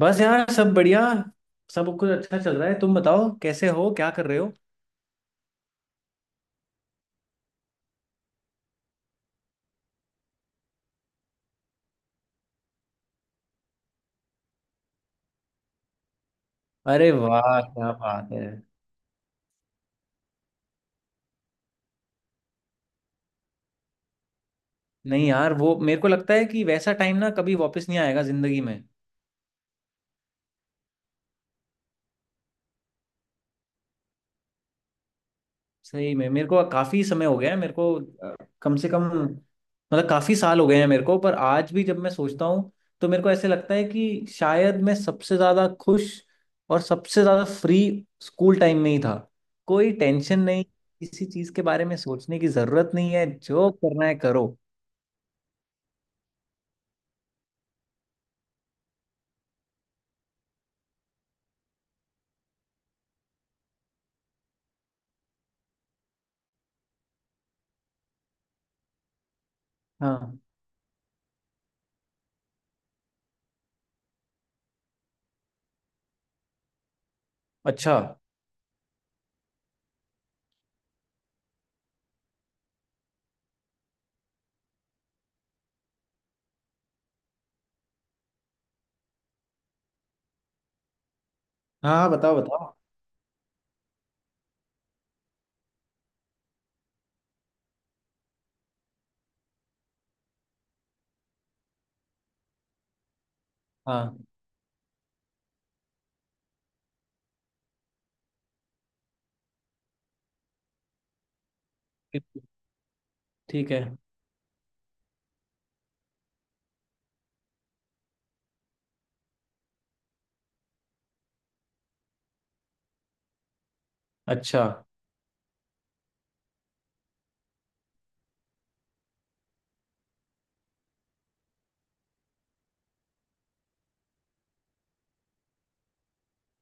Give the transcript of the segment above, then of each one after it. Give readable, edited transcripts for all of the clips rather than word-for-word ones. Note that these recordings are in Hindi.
बस यार सब बढ़िया। सब कुछ अच्छा चल रहा है। तुम बताओ कैसे हो, क्या कर रहे हो? अरे वाह, क्या बात है। नहीं यार, वो मेरे को लगता है कि वैसा टाइम ना कभी वापस नहीं आएगा जिंदगी में। सही में मेरे को काफी समय हो गया है मेरे को। अ, कम से कम मतलब काफी साल हो गए हैं मेरे को। पर आज भी जब मैं सोचता हूँ तो मेरे को ऐसे लगता है कि शायद मैं सबसे ज्यादा खुश और सबसे ज्यादा फ्री स्कूल टाइम में ही था। कोई टेंशन नहीं, किसी चीज के बारे में सोचने की जरूरत नहीं है, जो करना है करो। हाँ। अच्छा। हाँ हाँ, बताओ बताओ। हाँ। ठीक है। अच्छा।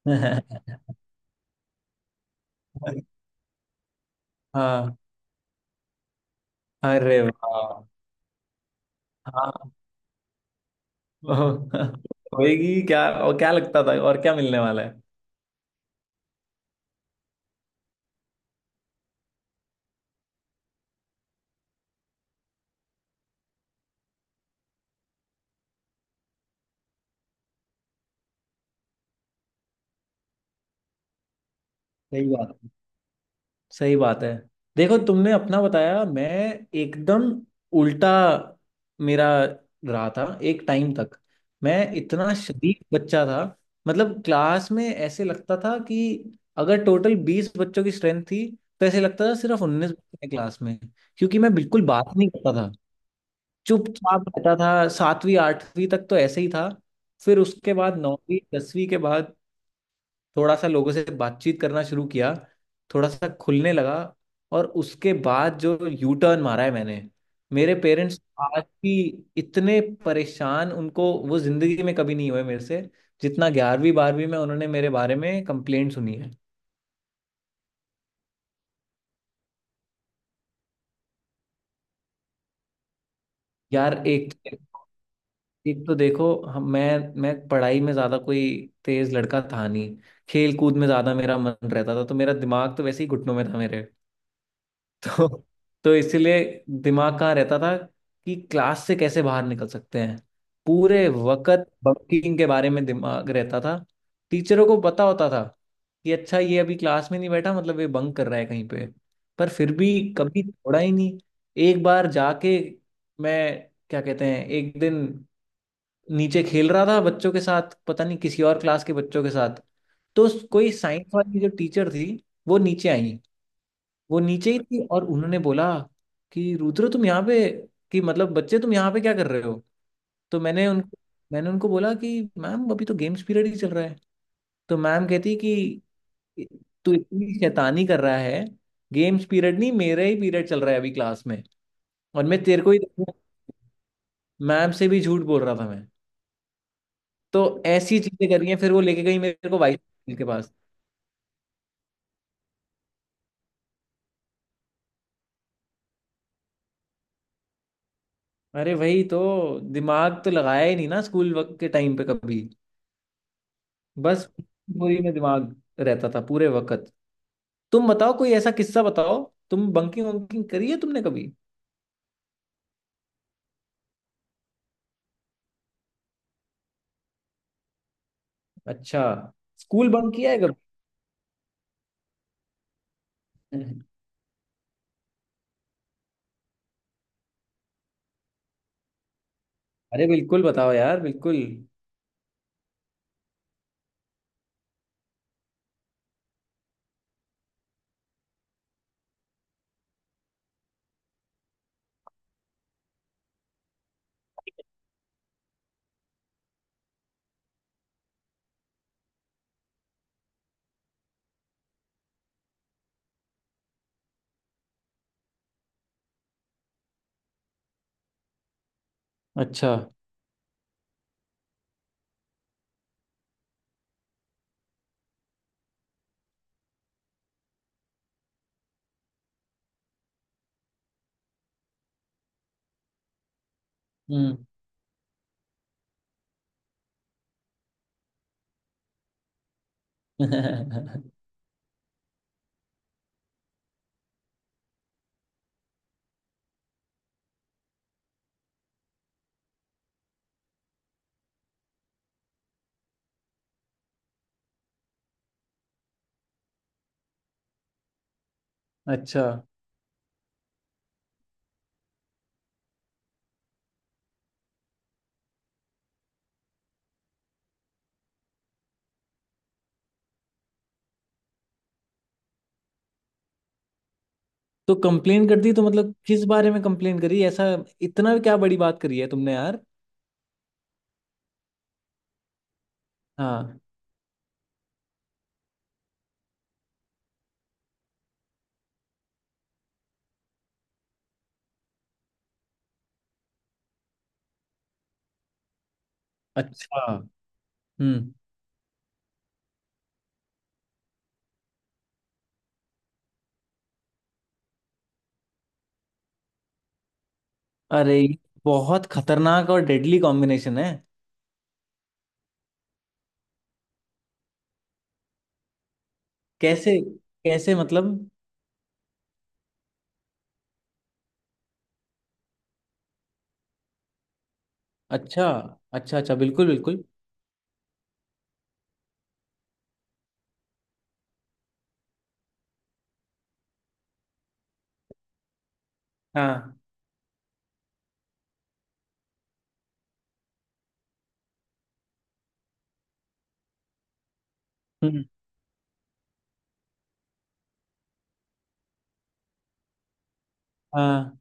हाँ। अरे वाह। हाँ। होएगी क्या, और क्या लगता था, और क्या मिलने वाला है। सही बात। सही बात है। देखो, तुमने अपना बताया। मैं एकदम उल्टा मेरा रहा था एक टाइम तक। मैं इतना शरीफ बच्चा था, मतलब क्लास में ऐसे लगता था कि अगर टोटल बीस बच्चों की स्ट्रेंथ थी तो ऐसे लगता था सिर्फ उन्नीस बच्चे हैं क्लास में। क्योंकि मैं बिल्कुल बात नहीं करता था, चुपचाप रहता था। सातवीं आठवीं तक तो ऐसे ही था। फिर उसके बाद, नौवीं दसवीं के बाद, थोड़ा सा लोगों से बातचीत करना शुरू किया, थोड़ा सा खुलने लगा। और उसके बाद जो यू टर्न मारा है मैंने, मेरे पेरेंट्स आज भी इतने परेशान उनको वो जिंदगी में कभी नहीं हुए मेरे से, जितना ग्यारहवीं बारहवीं में उन्होंने मेरे बारे में कंप्लेंट सुनी है। यार एक, एक तो देखो हम मैं पढ़ाई में ज़्यादा कोई तेज़ लड़का था नहीं। खेल कूद में ज़्यादा मेरा मन रहता था, तो मेरा दिमाग तो वैसे ही घुटनों में था मेरे। तो, इसीलिए दिमाग कहाँ रहता था, कि क्लास से कैसे बाहर निकल सकते हैं। पूरे वक्त बंकिंग के बारे में दिमाग रहता था। टीचरों को पता होता था कि अच्छा ये अभी क्लास में नहीं बैठा, मतलब ये बंक कर रहा है कहीं पे। पर फिर भी कभी छोड़ा ही नहीं। एक बार जाके मैं, क्या कहते हैं, एक दिन नीचे खेल रहा था बच्चों के साथ, पता नहीं किसी और क्लास के बच्चों के साथ, तो कोई साइंस वाली जो टीचर थी वो नीचे आई। वो नीचे ही थी, और उन्होंने बोला कि रुद्र तुम यहाँ पे, कि मतलब बच्चे तुम यहाँ पे क्या कर रहे हो। तो मैंने उनको बोला कि मैम अभी तो गेम्स पीरियड ही चल रहा है। तो मैम कहती कि तू इतनी शैतानी कर रहा है, गेम्स पीरियड नहीं, मेरा ही पीरियड चल रहा है अभी क्लास में, और मैं तेरे को ही देखूं। मैम से भी झूठ बोल रहा था मैं। तो ऐसी चीजें करी हैं, फिर वो लेके गई मेरे को वाइस प्रिंसिपल के पास। अरे वही तो, दिमाग तो लगाया ही नहीं ना स्कूल वक्त के टाइम पे कभी। बस वही में दिमाग रहता था पूरे वक्त। तुम बताओ, कोई ऐसा किस्सा बताओ, तुम बंकिंग वंकिंग करी है तुमने कभी? अच्छा। स्कूल बंक किया है कभी? अरे बिल्कुल बताओ यार, बिल्कुल। अच्छा। हम्म। अच्छा। तो कंप्लेन कर दी, तो मतलब किस बारे में कंप्लेन करी ऐसा? इतना क्या बड़ी बात करी है तुमने यार? हाँ। अच्छा। हम्म। अरे ये बहुत खतरनाक और डेडली कॉम्बिनेशन है। कैसे? कैसे मतलब? अच्छा। अच्छा अच्छा, बिल्कुल बिल्कुल। हाँ। हम्म, हाँ।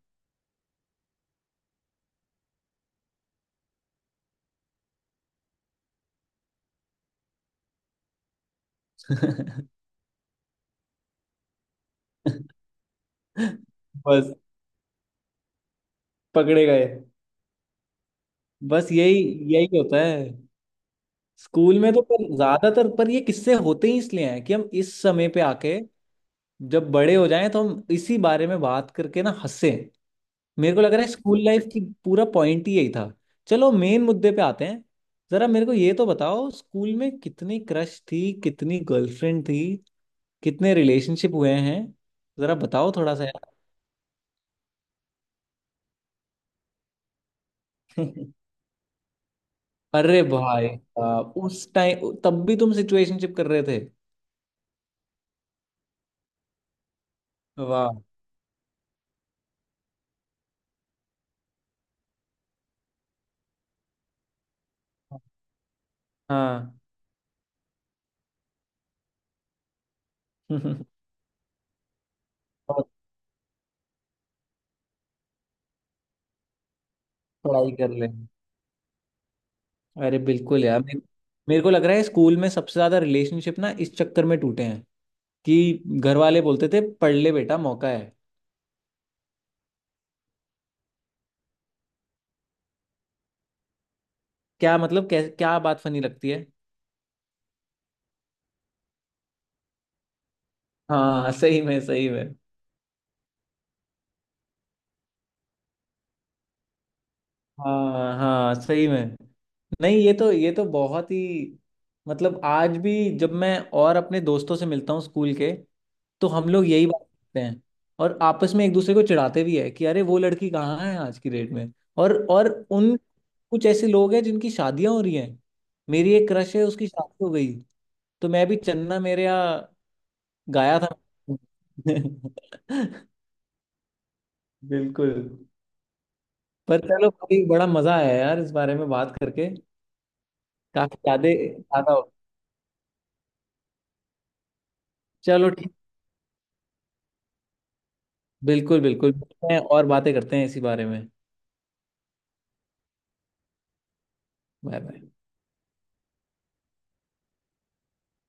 बस पकड़े गए। बस यही, यही होता है स्कूल में। तो पर ज्यादातर पर ये किस्से होते ही इसलिए हैं, कि हम इस समय पे आके, जब बड़े हो जाएं, तो हम इसी बारे में बात करके ना हंसे। मेरे को लग रहा है स्कूल लाइफ की पूरा पॉइंट ही यही था। चलो मेन मुद्दे पे आते हैं। जरा मेरे को ये तो बताओ स्कूल में कितनी क्रश थी, कितनी गर्लफ्रेंड थी, कितने रिलेशनशिप हुए हैं, जरा बताओ थोड़ा सा यार। अरे भाई साहब, उस टाइम तब भी तुम सिचुएशनशिप कर रहे थे? वाह। हाँ। और पढ़ाई कर ले। अरे बिल्कुल यार मेरे, मेरे को लग रहा है स्कूल में सबसे ज्यादा रिलेशनशिप ना इस चक्कर में टूटे हैं, कि घर वाले बोलते थे पढ़ ले बेटा, मौका है। क्या बात फनी लगती है? हाँ सही में, सही में। हाँ हाँ, सही में। नहीं ये तो, ये तो बहुत ही, मतलब आज भी जब मैं और अपने दोस्तों से मिलता हूँ स्कूल के, तो हम लोग यही बात करते हैं। और आपस में एक दूसरे को चिढ़ाते भी है कि अरे वो लड़की कहाँ है आज की डेट में। और उन, कुछ ऐसे लोग हैं जिनकी शादियां हो रही हैं। मेरी एक क्रश है, उसकी शादी हो गई, तो मैं भी चन्ना मेरे यहाँ गाया था। बिल्कुल। पर चलो, कभी बड़ा मजा आया यार इस बारे में बात करके। काफी यादें ताजा हो। चलो ठीक। बिल्कुल बिल्कुल, मिलते हैं और बातें करते हैं इसी बारे में। Bye bye.